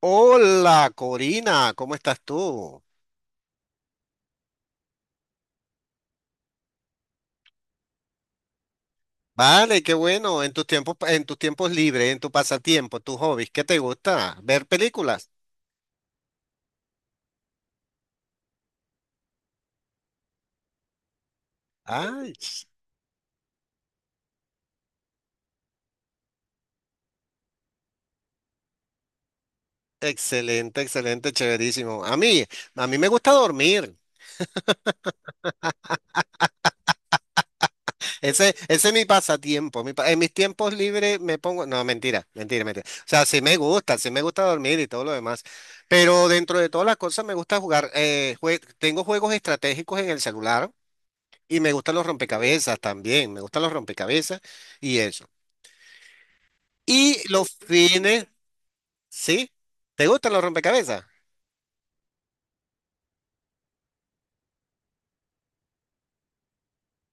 Hola, Corina, ¿cómo estás tú? Vale, qué bueno. En tus tiempos libres, en tu pasatiempo, tus hobbies, ¿qué te gusta? ¿Ver películas? Ay, excelente, excelente, chéverísimo. A mí me gusta dormir. Ese es mi pasatiempo. En mis tiempos libres me pongo, no, mentira, mentira, mentira. O sea, sí me gusta dormir y todo lo demás. Pero dentro de todas las cosas me gusta jugar. Tengo juegos estratégicos en el celular. Y me gustan los rompecabezas también, me gustan los rompecabezas y eso. Y los fines, ¿sí? ¿Te gustan los rompecabezas?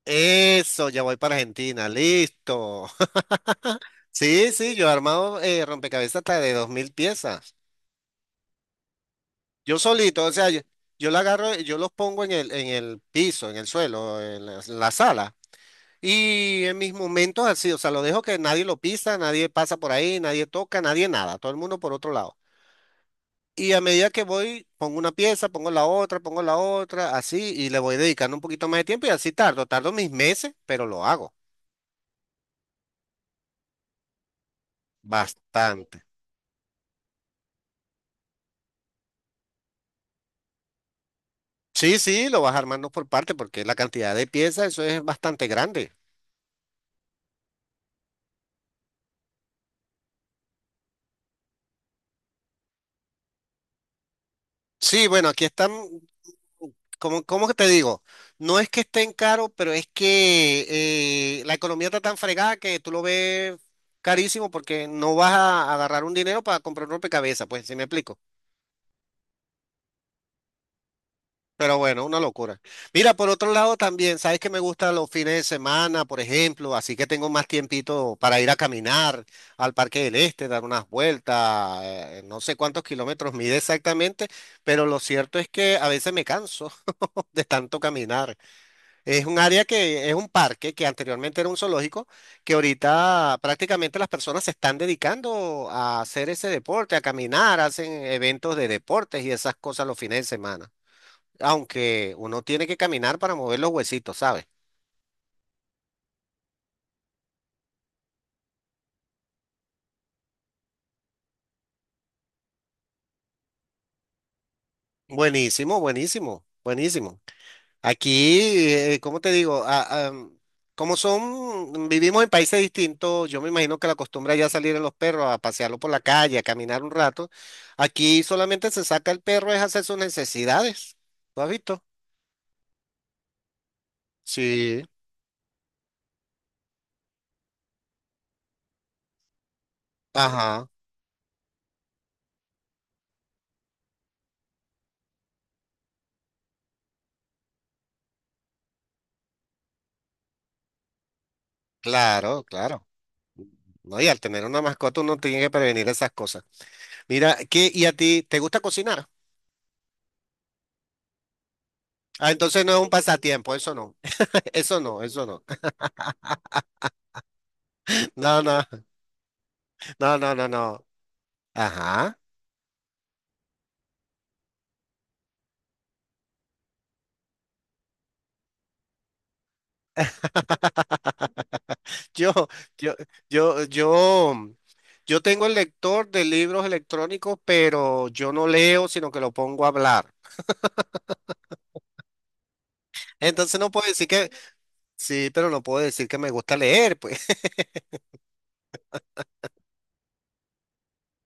Eso, ya voy para Argentina, listo. Sí, sí, yo he armado rompecabezas hasta de 2.000 piezas. Yo solito, o sea, yo la agarro, yo los pongo en el piso, en el suelo, en la sala. Y en mis momentos así, o sea, lo dejo que nadie lo pisa, nadie pasa por ahí, nadie toca, nadie nada, todo el mundo por otro lado. Y a medida que voy, pongo una pieza, pongo la otra, así, y le voy dedicando un poquito más de tiempo y así tardo, tardo mis meses, pero lo hago bastante. Sí, sí, lo vas armando por parte porque la cantidad de piezas, eso es bastante grande. Sí, bueno, aquí están, como, ¿cómo que te digo? No es que estén caros, pero es que la economía está tan fregada que tú lo ves carísimo porque no vas a agarrar un dinero para comprar un rompecabezas, pues, ¿si me explico? Pero bueno, una locura. Mira, por otro lado también, sabes que me gustan los fines de semana, por ejemplo, así que tengo más tiempito para ir a caminar al Parque del Este, dar unas vueltas, no sé cuántos kilómetros mide exactamente, pero lo cierto es que a veces me canso de tanto caminar. Es un área que es un parque que anteriormente era un zoológico, que ahorita prácticamente las personas se están dedicando a hacer ese deporte, a caminar, hacen eventos de deportes y esas cosas los fines de semana, aunque uno tiene que caminar para mover los huesitos, ¿sabes? Buenísimo, buenísimo, buenísimo. Aquí, ¿cómo te digo? Ah, ah, como son, vivimos en países distintos, yo me imagino que la costumbre ya salir a los perros a pasearlo por la calle, a caminar un rato. Aquí solamente se saca el perro es hacer sus necesidades. ¿Lo has visto? Sí. Ajá, claro, claro. No, y al tener una mascota uno tiene que prevenir esas cosas. Mira, ¿qué, y a ti te gusta cocinar? Ah, entonces no es un pasatiempo, eso no. Eso no, eso no. No, no, no, no, no, no. Ajá. Yo, yo, yo, yo tengo el lector de libros electrónicos, pero yo no leo, sino que lo pongo a hablar. Entonces no puedo decir que, sí, pero no puedo decir que me gusta leer, pues.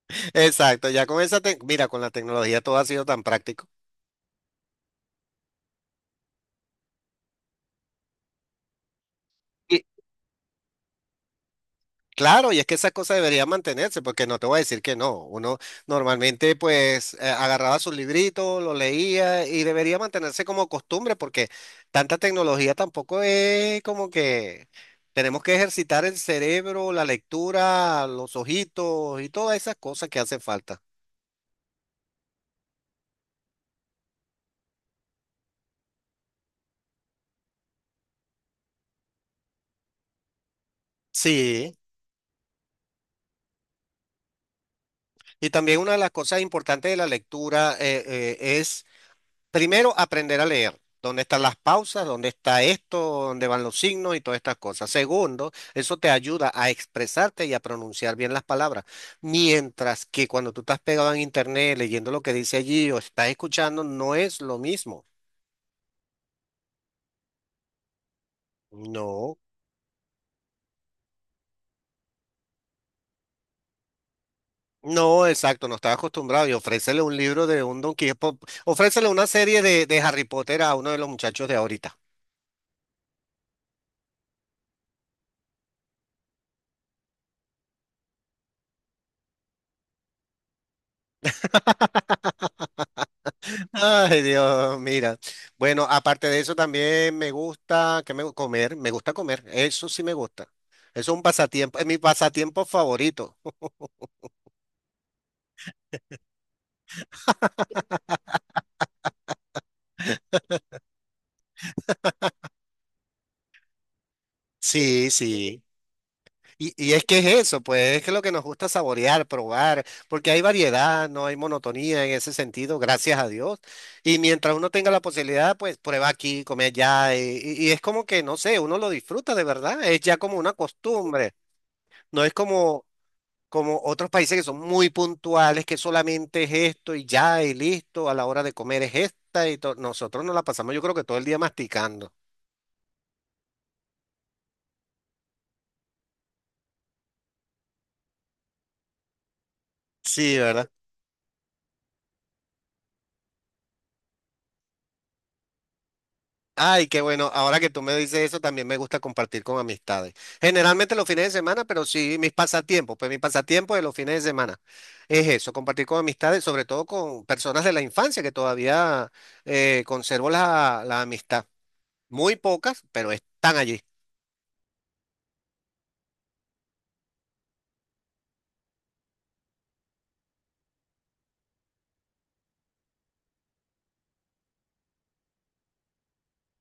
Exacto, ya con esa, mira, con la tecnología todo ha sido tan práctico. Claro, y es que esa cosa debería mantenerse, porque no te voy a decir que no. Uno normalmente pues agarraba su librito, lo leía y debería mantenerse como costumbre, porque tanta tecnología tampoco es como que tenemos que ejercitar el cerebro, la lectura, los ojitos y todas esas cosas que hacen falta. Sí, y también una de las cosas importantes de la lectura es primero, aprender a leer. ¿Dónde están las pausas? ¿Dónde está esto? ¿Dónde van los signos y todas estas cosas? Segundo, eso te ayuda a expresarte y a pronunciar bien las palabras. Mientras que cuando tú estás pegado en internet leyendo lo que dice allí o estás escuchando, no es lo mismo. No, no, exacto, no estás acostumbrado. Y ofrécele un libro de un Don Quijote, ofrécele una serie de Harry Potter a uno de los muchachos de ahorita. Ay, Dios, mira. Bueno, aparte de eso también me gusta comer, me gusta comer, eso sí me gusta. Eso es un pasatiempo, es mi pasatiempo favorito. Sí, sí. Y es que es eso, pues es que lo que nos gusta saborear, probar, porque hay variedad, no hay monotonía en ese sentido, gracias a Dios. Y mientras uno tenga la posibilidad, pues prueba aquí, come allá, y es como que, no sé, uno lo disfruta de verdad, es ya como una costumbre, no es como... como otros países que son muy puntuales, que solamente es esto y ya y listo, a la hora de comer es esta y todo. Nosotros nos la pasamos yo creo que todo el día masticando. Sí, ¿verdad? Ay, qué bueno. Ahora que tú me dices eso, también me gusta compartir con amistades. Generalmente los fines de semana, pero sí mis pasatiempos. Pues mi pasatiempo de los fines de semana es eso, compartir con amistades, sobre todo con personas de la infancia que todavía conservo la amistad. Muy pocas, pero están allí.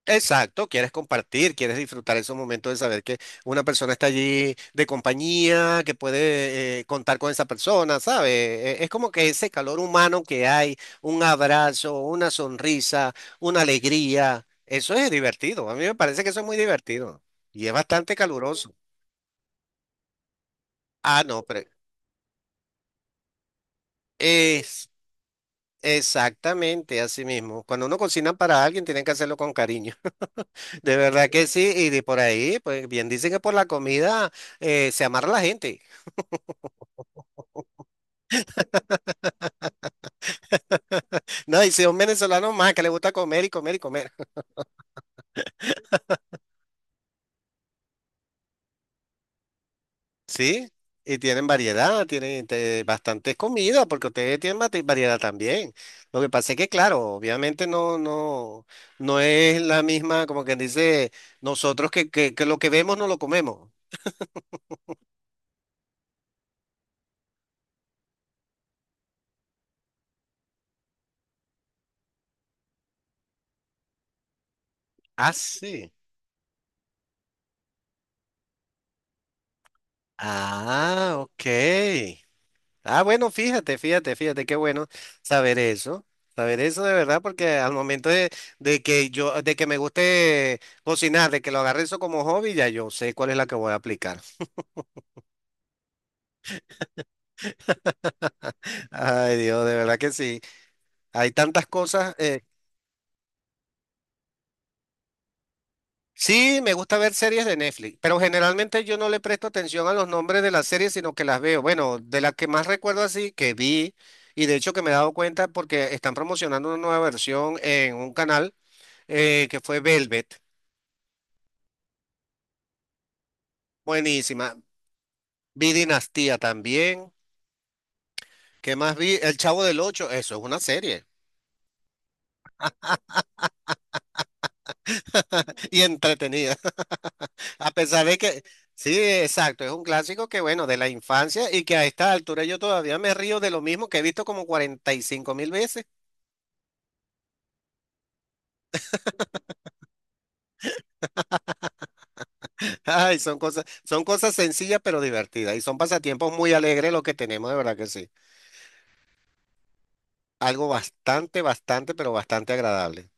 Exacto, quieres compartir, quieres disfrutar esos momentos de saber que una persona está allí de compañía, que puede contar con esa persona, ¿sabes? Es como que ese calor humano que hay, un abrazo, una sonrisa, una alegría, eso es divertido. A mí me parece que eso es muy divertido y es bastante caluroso. Ah, no, pero es exactamente así mismo. Cuando uno cocina para alguien, tienen que hacerlo con cariño. De verdad que sí, y de por ahí, pues bien dicen que por la comida se amarra la gente. No, y si un venezolano más que le gusta comer y comer y comer. Sí, y tienen variedad, tienen este, bastantes comidas, porque ustedes tienen variedad también. Lo que pasa es que, claro, obviamente no es la misma, como quien dice, nosotros que lo que vemos no lo comemos. Ah, sí. Ah, ok. Ah, bueno, fíjate, fíjate, fíjate, qué bueno saber eso, saber eso de verdad, porque al momento de que yo, de que me guste cocinar, de que lo agarre eso como hobby, ya yo sé cuál es la que voy a aplicar. Ay, Dios, de verdad que sí. Hay tantas cosas. Sí, me gusta ver series de Netflix, pero generalmente yo no le presto atención a los nombres de las series, sino que las veo. Bueno, de las que más recuerdo así, que vi, y de hecho que me he dado cuenta porque están promocionando una nueva versión en un canal que fue Velvet. Buenísima. Vi Dinastía también. ¿Qué más vi? El Chavo del Ocho. Eso es una serie y entretenida. A pesar de que, sí, exacto, es un clásico que, bueno, de la infancia y que a esta altura yo todavía me río de lo mismo que he visto como 45.000 veces. Ay, son cosas sencillas pero divertidas y son pasatiempos muy alegres lo que tenemos, de verdad que sí. Algo bastante, bastante, pero bastante agradable.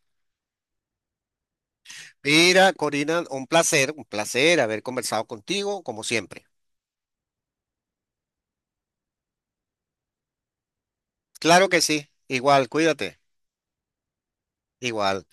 Mira, Corina, un placer haber conversado contigo, como siempre. Claro que sí. Igual, cuídate. Igual.